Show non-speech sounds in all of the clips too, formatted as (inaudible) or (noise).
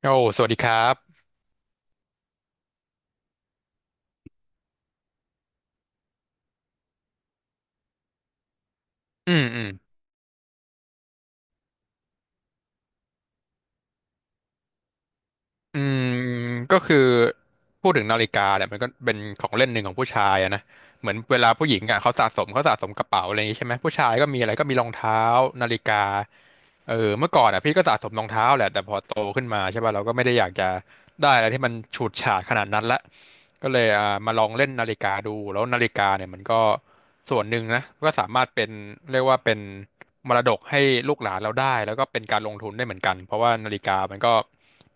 โอ้สวัสดีครับอืมอืมอืมก็คือพูดถึงนาฬิกาเนี่ยมันก็เป็นของเล่นหนึ่งของผู้ชายอะนะเหมือนเวลาผู้หญิงอะเขาสะสมกระเป๋าอะไรอย่างงี้ใช่ไหมผู้ชายก็มีอะไรก็มีรองเท้านาฬิกาเออเมื่อก่อนอะพี่ก็สะสมรองเท้าแหละแต่พอโตขึ้นมาใช่ป่ะเราก็ไม่ได้อยากจะ ได้อะไรที่มันฉูดฉาดขนาดนั้นละก็เลยมาลองเล่นนาฬิกาดูแล้วนาฬิกาเนี่ยมันก็ส่วนหนึ่งนะก็สามารถเป็นเรียกว่าเป็นมรดกให้ลูกหลานเราได้แล้วก็เป็นการลงทุนได้เหมือนกันเพราะว่านาฬิกามันก็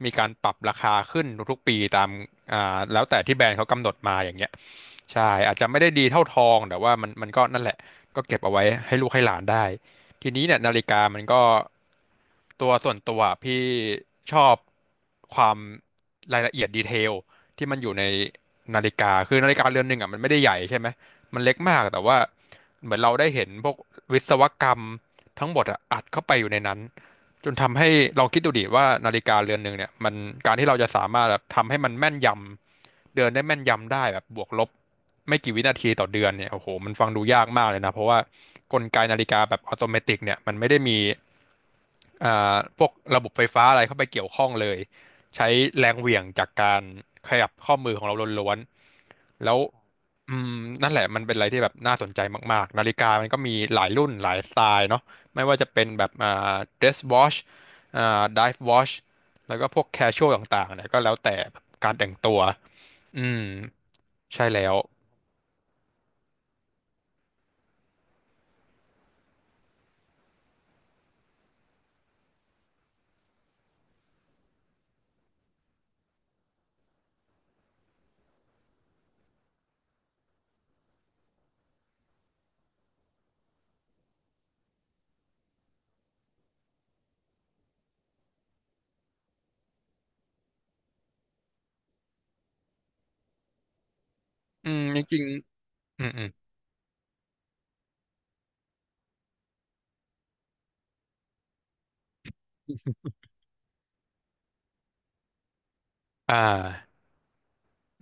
มีการปรับราคาขึ้นทุกๆปีตามแล้วแต่ที่แบรนด์เขากำหนดมาอย่างเงี้ยใช่อาจจะไม่ได้ดีเท่าทองแต่ว่ามันก็นั่นแหละก็เก็บเอาไว้ให้ลูกให้หลานได้ ทีนี้เนี่ยนาฬิกามันก็ตัวส่วนตัวพี่ชอบความรายละเอียดดีเทลที่มันอยู่ในนาฬิกาคือนาฬิกาเรือนหนึ่งอ่ะมันไม่ได้ใหญ่ใช่ไหมมันเล็กมากแต่ว่าเหมือนเราได้เห็นพวกวิศวกรรมทั้งหมดอะอัดเข้าไปอยู่ในนั้น จนทำให้ลองคิดดูดิว่านาฬิกาเรือนหนึ่งเนี่ยมันการที่เราจะสามารถแบบทำให้มันแม่นยำเดือนได้แม่นยำได้แบบบวกลบไม่กี่วินาทีต่อเดือนเนี่ยโอ้โหมันฟังดูยากมากเลยนะเพราะว่ากลไกนาฬิกาแบบอัตโนมัติเนี่ยมันไม่ได้มีพวกระบบไฟฟ้าอะไรเข้าไปเกี่ยวข้องเลยใช้แรงเหวี่ยงจากการขยับข้อมือของเราล้วนๆแล้วอืมนั่นแหละมันเป็นอะไรที่แบบน่าสนใจมากๆนาฬิกามันก็มีหลายรุ่นหลายสไตล์เนาะ ไม่ว่าจะเป็นแบบdress wash dive wash แล้วก็พวก casual ต่างๆเนี่ยก็แล้วแต่การแต่งตัว อืม ใช่แล้ว อืมจริงๆอืม อืม อ่า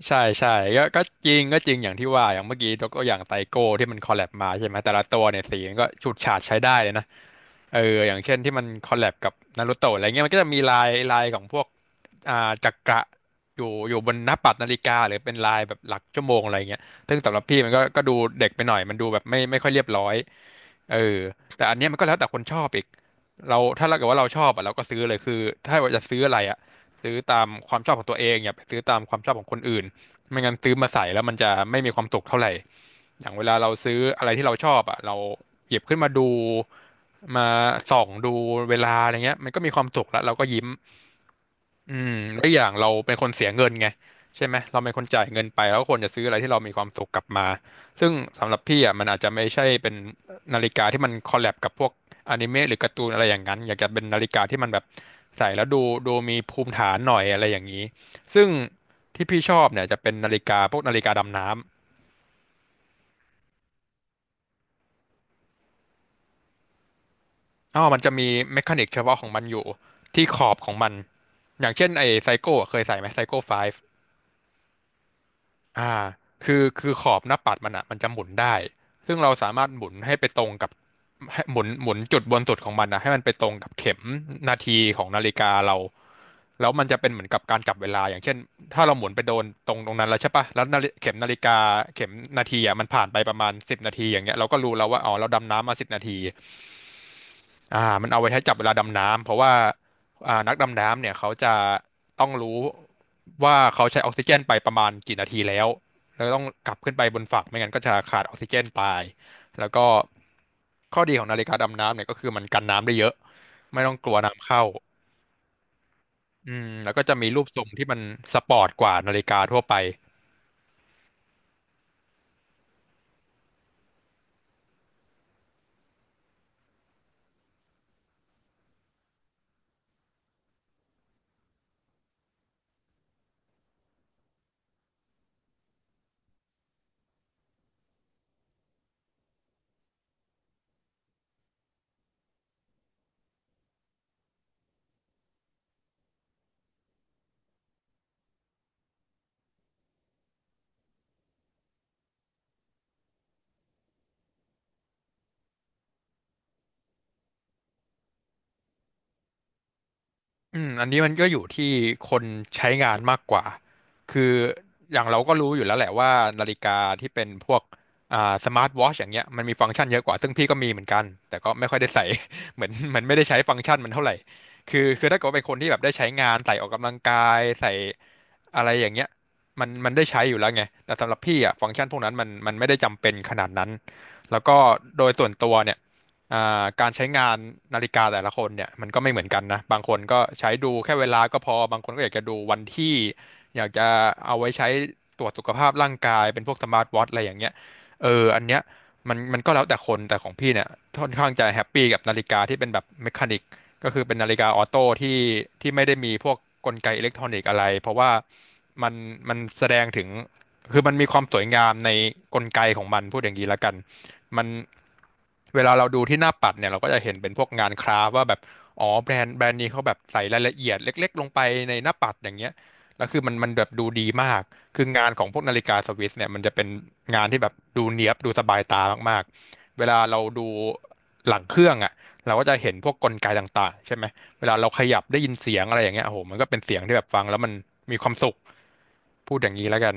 ใช่ใช่ก็จริงอย่างที่ว่าอย่างเมื่อกี้ยกตัวอย่างไตโก้ที่มันคอลแลบมาใช่ไหมแต่ละตัวเนี่ยสีมันก็ฉูดฉาดใช้ได้เลยนะเอออย่างเช่นที่มันคอลแลบกับนารูโตะอะไรเงี้ยมันก็จะมีลายของพวกอ่าจักระอยู่บนหน้าปัดนาฬิกาหรือเป็นลายแบบหลักชั่วโมงอะไรเงี้ยซึ่งสำหรับพี่มันก็ดูเด็กไปหน่อยมันดูแบบไม่ค่อยเรียบร้อยเออแต่อันเนี้ยมันก็แล้วแต่คนชอบอีกเราถ้าเราเกิดว่าเราชอบอ่ะเราก็ซื้อเลยคือถ้าว่าจะซื้ออะไรอ่ะซื้อตามความชอบของตัวเองอย่าไปซื้อตามความชอบของคนอื่น ไม่งั้นซื้อมาใส่แล้วมันจะไม่มีความสุขเท่าไหร่อย่างเวลาเราซื้ออะไรที่เราชอบอ่ะเราหยิบขึ้นมาดูมาส่องดูเวลาอะไรเงี้ยมันก็มีความสุขแล้วเราก็ยิ้ม อืมแล้วอย่างเราเป็นคนเสียเงินไงใช่ไหมเราเป็นคนจ่ายเงินไปแล้วก็ควรจะซื้ออะไรที่เรามีความสุขกลับมาซึ่งสำหรับพี่อ่ะมันอาจจะไม่ใช่เป็นนาฬิกาที่มันคอลแลบกับพวกอนิเมะหรือการ์ตูนอะไรอย่างนั้นอยากจะเป็นนาฬิกาที่มันแบบใส่แล้วดูดูมีภูมิฐานหน่อยอะไรอย่างนี้ ซึ่งที่พี่ชอบเนี่ยจะเป็นนาฬิกาพวกนาฬิกาดำน้ำอ๋อมันจะมีเมคานิกเฉพาะของมันอยู่ที่ขอบของมันอย่างเช่นไอ้ไซโก้เคยใส่ไหมไซโก้ไฟ อ่าคือขอบหน้าปัดมันอ่ะมันจะหมุนได้ ซึ่งเราสามารถหมุนให้ไปตรงกับให้หมุนจุดบนสุดของมันนะให้มันไปตรงกับเข็มนาทีของนาฬิกาเราแล้วมันจะเป็นเหมือนกับการจับเวลา อย่างเช่นถ้าเราหมุนไปโดนตรงนั้นแล้วใช่ปะแล้วนาฬิเข็มนาฬิกาเข็มนาทีอ่ะมันผ่านไปประมาณสิบนาทีอย่างเงี้ยเราก็รู้แล้วว่าอ๋อเราดำน้ำมาสิบนาที มันเอาไว้ใช้จับเวลาดำน้ำเพราะว่านักดำน้ำเนี่ยเขาจะต้องรู้ว่าเขาใช้ออกซิเจนไปประมาณกี่นาทีแล้วแล้วต้องกลับขึ้นไปบนฝั่งไม่งั้นก็จะขาดออกซิเจนไปแล้วก็ข้อดีของนาฬิกาดำน้ำเนี่ยก็คือมันกันน้ำได้เยอะไม่ต้องกลัวน้ำเข้าแล้วก็จะมีรูปทรงที่มันสปอร์ตกว่านาฬิกาทั่วไป อันนี้มันก็อยู่ที่คนใช้งานมากกว่าคืออย่างเราก็รู้อยู่แล้วแหละว่านาฬิกาที่เป็นพวกอ่าสมาร์ทวอชอย่างเงี้ยมันมีฟังก์ชันเยอะกว่าซึ่งพี่ก็มีเหมือนกันแต่ก็ไม่ค่อยได้ใส่ (laughs) เหมือนมันไม่ได้ใช้ฟังก์ชันมันเท่าไหร่คือถ้าเกิดว่าเป็นคนที่แบบได้ใช้งานใส่ออกกำลังกายใส่อะไรอย่างเงี้ยมันได้ใช้อยู่แล้วไงแต่สำหรับพี่อ่ะฟังก์ชันพวกนั้นมันไม่ได้จำเป็นขนาดนั้นแล้วก็โดยส่วนตัวเนี่ย อ่าการใช้งานนาฬิกาแต่ละคนเนี่ยมันก็ไม่เหมือนกันนะบางคนก็ใช้ดูแค่เวลาก็พอบางคนก็อยากจะดูวันที่อยากจะเอาไว้ใช้ตรวจสุขภาพร่างกายเป็นพวกสมาร์ทวอทช์อะไรอย่างเงี้ยเอออันเนี้ยมันก็แล้วแต่คนแต่ของพี่เนี่ยค่อนข้างจะแฮปปี้กับนาฬิกาที่เป็นแบบเมคานิกก็คือเป็นนาฬิกาออโต้ที่ไม่ได้มีพวกกลไกอิเล็กทรอนิกส์อะไรเพราะว่ามันมันแสดงถึง คือมันมีความสวยงามในกลไกของมันพูดอย่างนี้ละกันมันเวลาเราดูที่หน้าปัดเนี่ยเราก็จะเห็นเป็นพวกงานคราฟต์ว่าแบบอ๋อแบรนด์นี้เขาแบบใส่รายละเอียดเล็กๆลงไปในหน้าปัดอย่างเงี้ยแล้วคือมันแบบดูดีมากคืองานของพวกนาฬิกาสวิสเนี่ยมันจะเป็นงานที่แบบดูเนี๊ยบดูสบายตามากๆเวลาเราดูหลังเครื่องอ่ะเราก็จะเห็นพวกกลไกต่างๆใช่ไหมเวลาเราขยับได้ยินเสียงอะไรอย่างเงี้ยโอ้โหมันก็เป็นเสียงที่แบบฟังแล้วมันมีความสุขพูดอย่างนี้แล้วกัน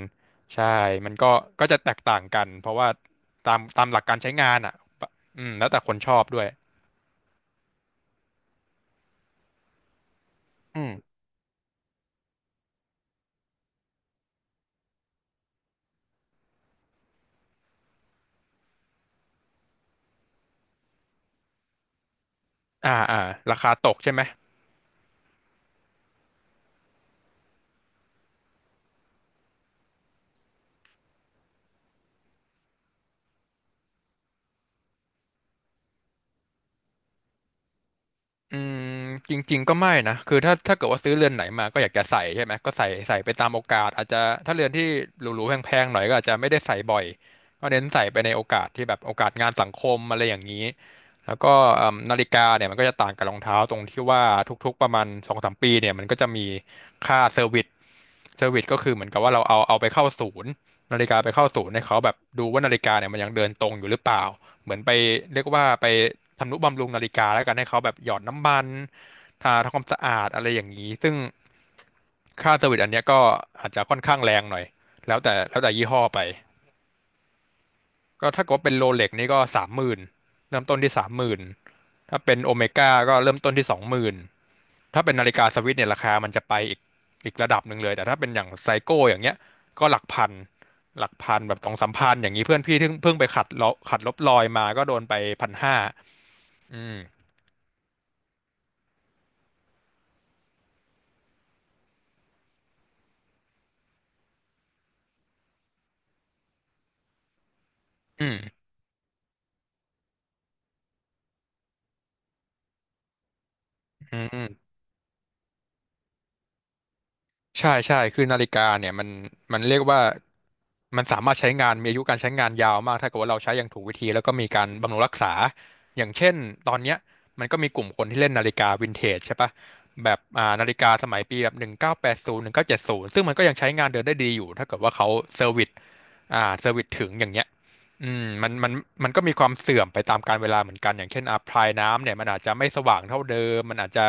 ใช่ มันก็จะแตกต่างกัน เพราะว่าตามหลักการใช้งานอ่ะแล้วแต่คนชอบด้วยอืมอ่าอ่าราคาตกใช่ไหม อืมจริงๆก็ไม่นะคือถ้าเกิดว่าซื้อเรือนไหนมาก็อยากจะใส่ใช่ไหม ก็ใส่ไปตามโอกาสอาจจะถ้าเรือนที่หรูๆแพงๆหน่อยก็อาจจะไม่ได้ใส่บ่อย ก็เน้นใส่ไปในโอกาสที่แบบโอกาสงานสังคมอะไรอย่างนี้ แล้วก็เอิ่มนาฬิกาเนี่ยมันก็จะต่างกับรองเท้าตรงที่ว่าทุกๆประมาณสองสามปีเนี่ยมันก็จะมีค่าเซอร์วิสเซอร์วิสก็คือเหมือนกับว่าเราเอาไปเข้าศูนย์นาฬิกาไปเข้าศูนย์ให้เขาแบบดูว่านาฬิกาเนี่ยมันยังเดินตรงอยู่หรือเปล่า เหมือนไปเรียกว่าไปทำนุบำรุงนาฬิกาแล้วกันให้เขาแบบหยอดน้ำมัน ทาทำความสะอาดอะไรอย่างนี้ ซึ่งค่าเซอร์วิสอันเนี้ยก็อาจจะค่อนข้างแรงหน่อย แล้วแต่ยี่ห้อไป ก็ถ้าเกิดว่าเป็นโรเล็กนี่ก็สามหมื่นเริ่มต้นที่สามหมื่นถ้าเป็นโอเมก้าก็เริ่มต้นที่20,000ถ้าเป็นนาฬิกาสวิสเนี่ยราคามันจะไปอีกอีกระดับหนึ่งเลย แต่ถ้าเป็นอย่างไซโก้อย่างเงี้ยก็หลักพันหลักพันแบบสองสามพันอย่างนี้เพื่อนพี่เพิ่งไปขัดลบรอยมาก็โดนไป1,500 อืมอืมอืม ใช่ใช่คือนาฬิกาเนี่ยมันเรียกว่ามันสามารถใช้งานมีอายุการใช้งานยาวมากถ้าเกิดว่าเราใช้อย่างถูกวิธีแล้วก็มีการบำรุงรักษาอย่างเช่นตอนเนี้ยมันก็มีกลุ่มคนที่เล่นนาฬิกาวินเทจใช่ปะแบบนาฬิกาสมัยปีแบบ19801970ซึ่งมันก็ยังใช้งานเดินได้ดีอยู่ถ้าเกิดว่าเขาเซอร์วิสเซอร์วิสถึงอย่างเงี้ยอืมมันมันมันก็มีความเสื่อมไปตามกาลเวลาเหมือนกันอย่างเช่นอ่ะพลายน้ำเนี่ยมันอาจจะไม่สว่างเท่าเดิมมันอาจจะ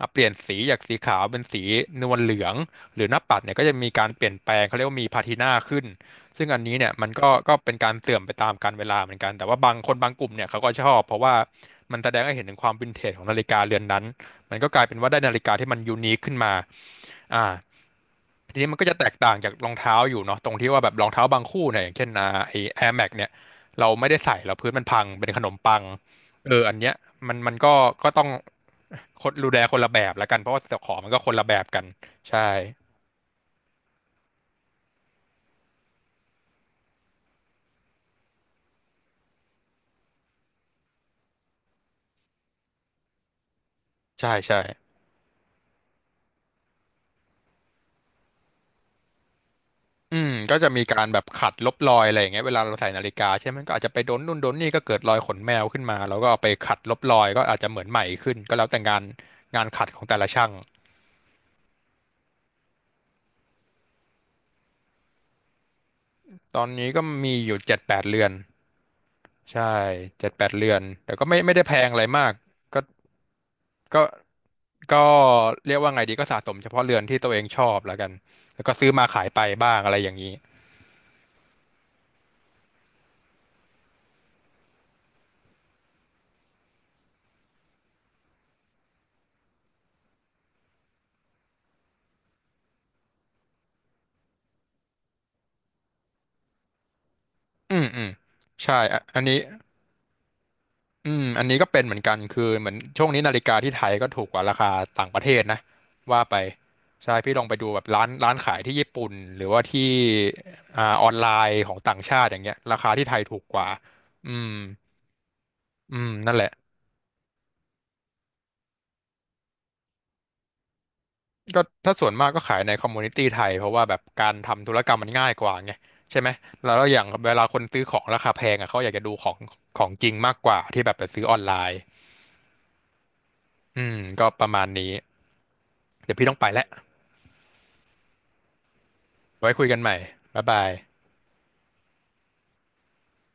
อ่ะเปลี่ยนสีจากสีขาวเป็นสีนวลเหลือง หรือหน้าปัดเนี่ยก็จะมีการเปลี่ยนแปลงเขาเรียกว่ามีพาทีนาขึ้นซึ่งอันนี้เนี่ยมันก็เป็นการเสื่อมไปตามกาลเวลาเหมือนกันแต่ว่าบางคนบางกลุ่มเนี่ยเขาก็ชอบเพราะว่ามันแสดงให้เห็นถึงความวินเทจของนาฬิกาเรือนนั้นมันก็กลายเป็นว่าได้นาฬิกาที่มันยูนิคขึ้นมาอ่าทีนี้มันก็จะแตกต่างจากรองเท้าอยู่เนาะตรงที่ว่าแบบรองเท้าบางคู่เนี่ยอย่างเช่นไอ Air Max เนี่ยเราไม่ได้ใส่แล้วพื้นมันพังเป็นขนมปังเอออันเนี้ยมันก็ก็ต้องคนดูแลคนละแบบละกันเพราะว่าเจ้าของมันก็คนละแบบกันใช่ ใช่ใช่อืมก็จะมีการแบบขัดลบรอยอะไรอย่างเงี้ยเวลาเราใส่นาฬิกาใช่ไหมมันก็อาจจะไปโดนนู่นโดนนี่ก็เกิดรอยขนแมวขึ้นมาแล้วก็เอาไปขัดลบรอยก็อาจจะเหมือนใหม่ขึ้นก็แล้วแต่งานงานขัดของแต่ละช่างตอนนี้ก็มีอยู่เจ็ดแปดเรือนใช่เจ็ดแปดเรือนแต่ก็ไม่ได้แพงอะไรมากก็ก็ก็เรียกว่าไงดีก็สะสมเฉพาะเรือนที่ตัวเองชอบแล้วกันแล้วก็ซื้อมาขายไปบ้างอะไรอย่างนี้อืมอืมใช่อะอันนี้ อืมอันนี้ก็เป็นเหมือนกันคือเหมือนช่วงนี้นาฬิกาที่ไทยก็ถูกกว่าราคาต่างประเทศนะว่าไปใช่พี่ลองไปดูแบบร้านขายที่ญี่ปุ่นหรือว่าที่ออนไลน์ของต่างชาติอย่างเงี้ยราคาที่ไทยถูกกว่าอืมอืมนั่นแหละก็ถ้าส่วนมากก็ขายในคอมมูนิตี้ไทยเพราะว่าแบบการทำธุรกรรมมันง่ายกว่าไงใช่ไหมแล้วอย่างเวลาคนซื้อของราคาแพงอ่ะเขาอยากจะดูของของจริงมากกว่าที่แบบไปซื้อออนไลน์อืมก็ประมาณนี้เดี๋ยวพี่ต้องไปแล้ว ไว้คุยกันใหม่ บ๊ายบาย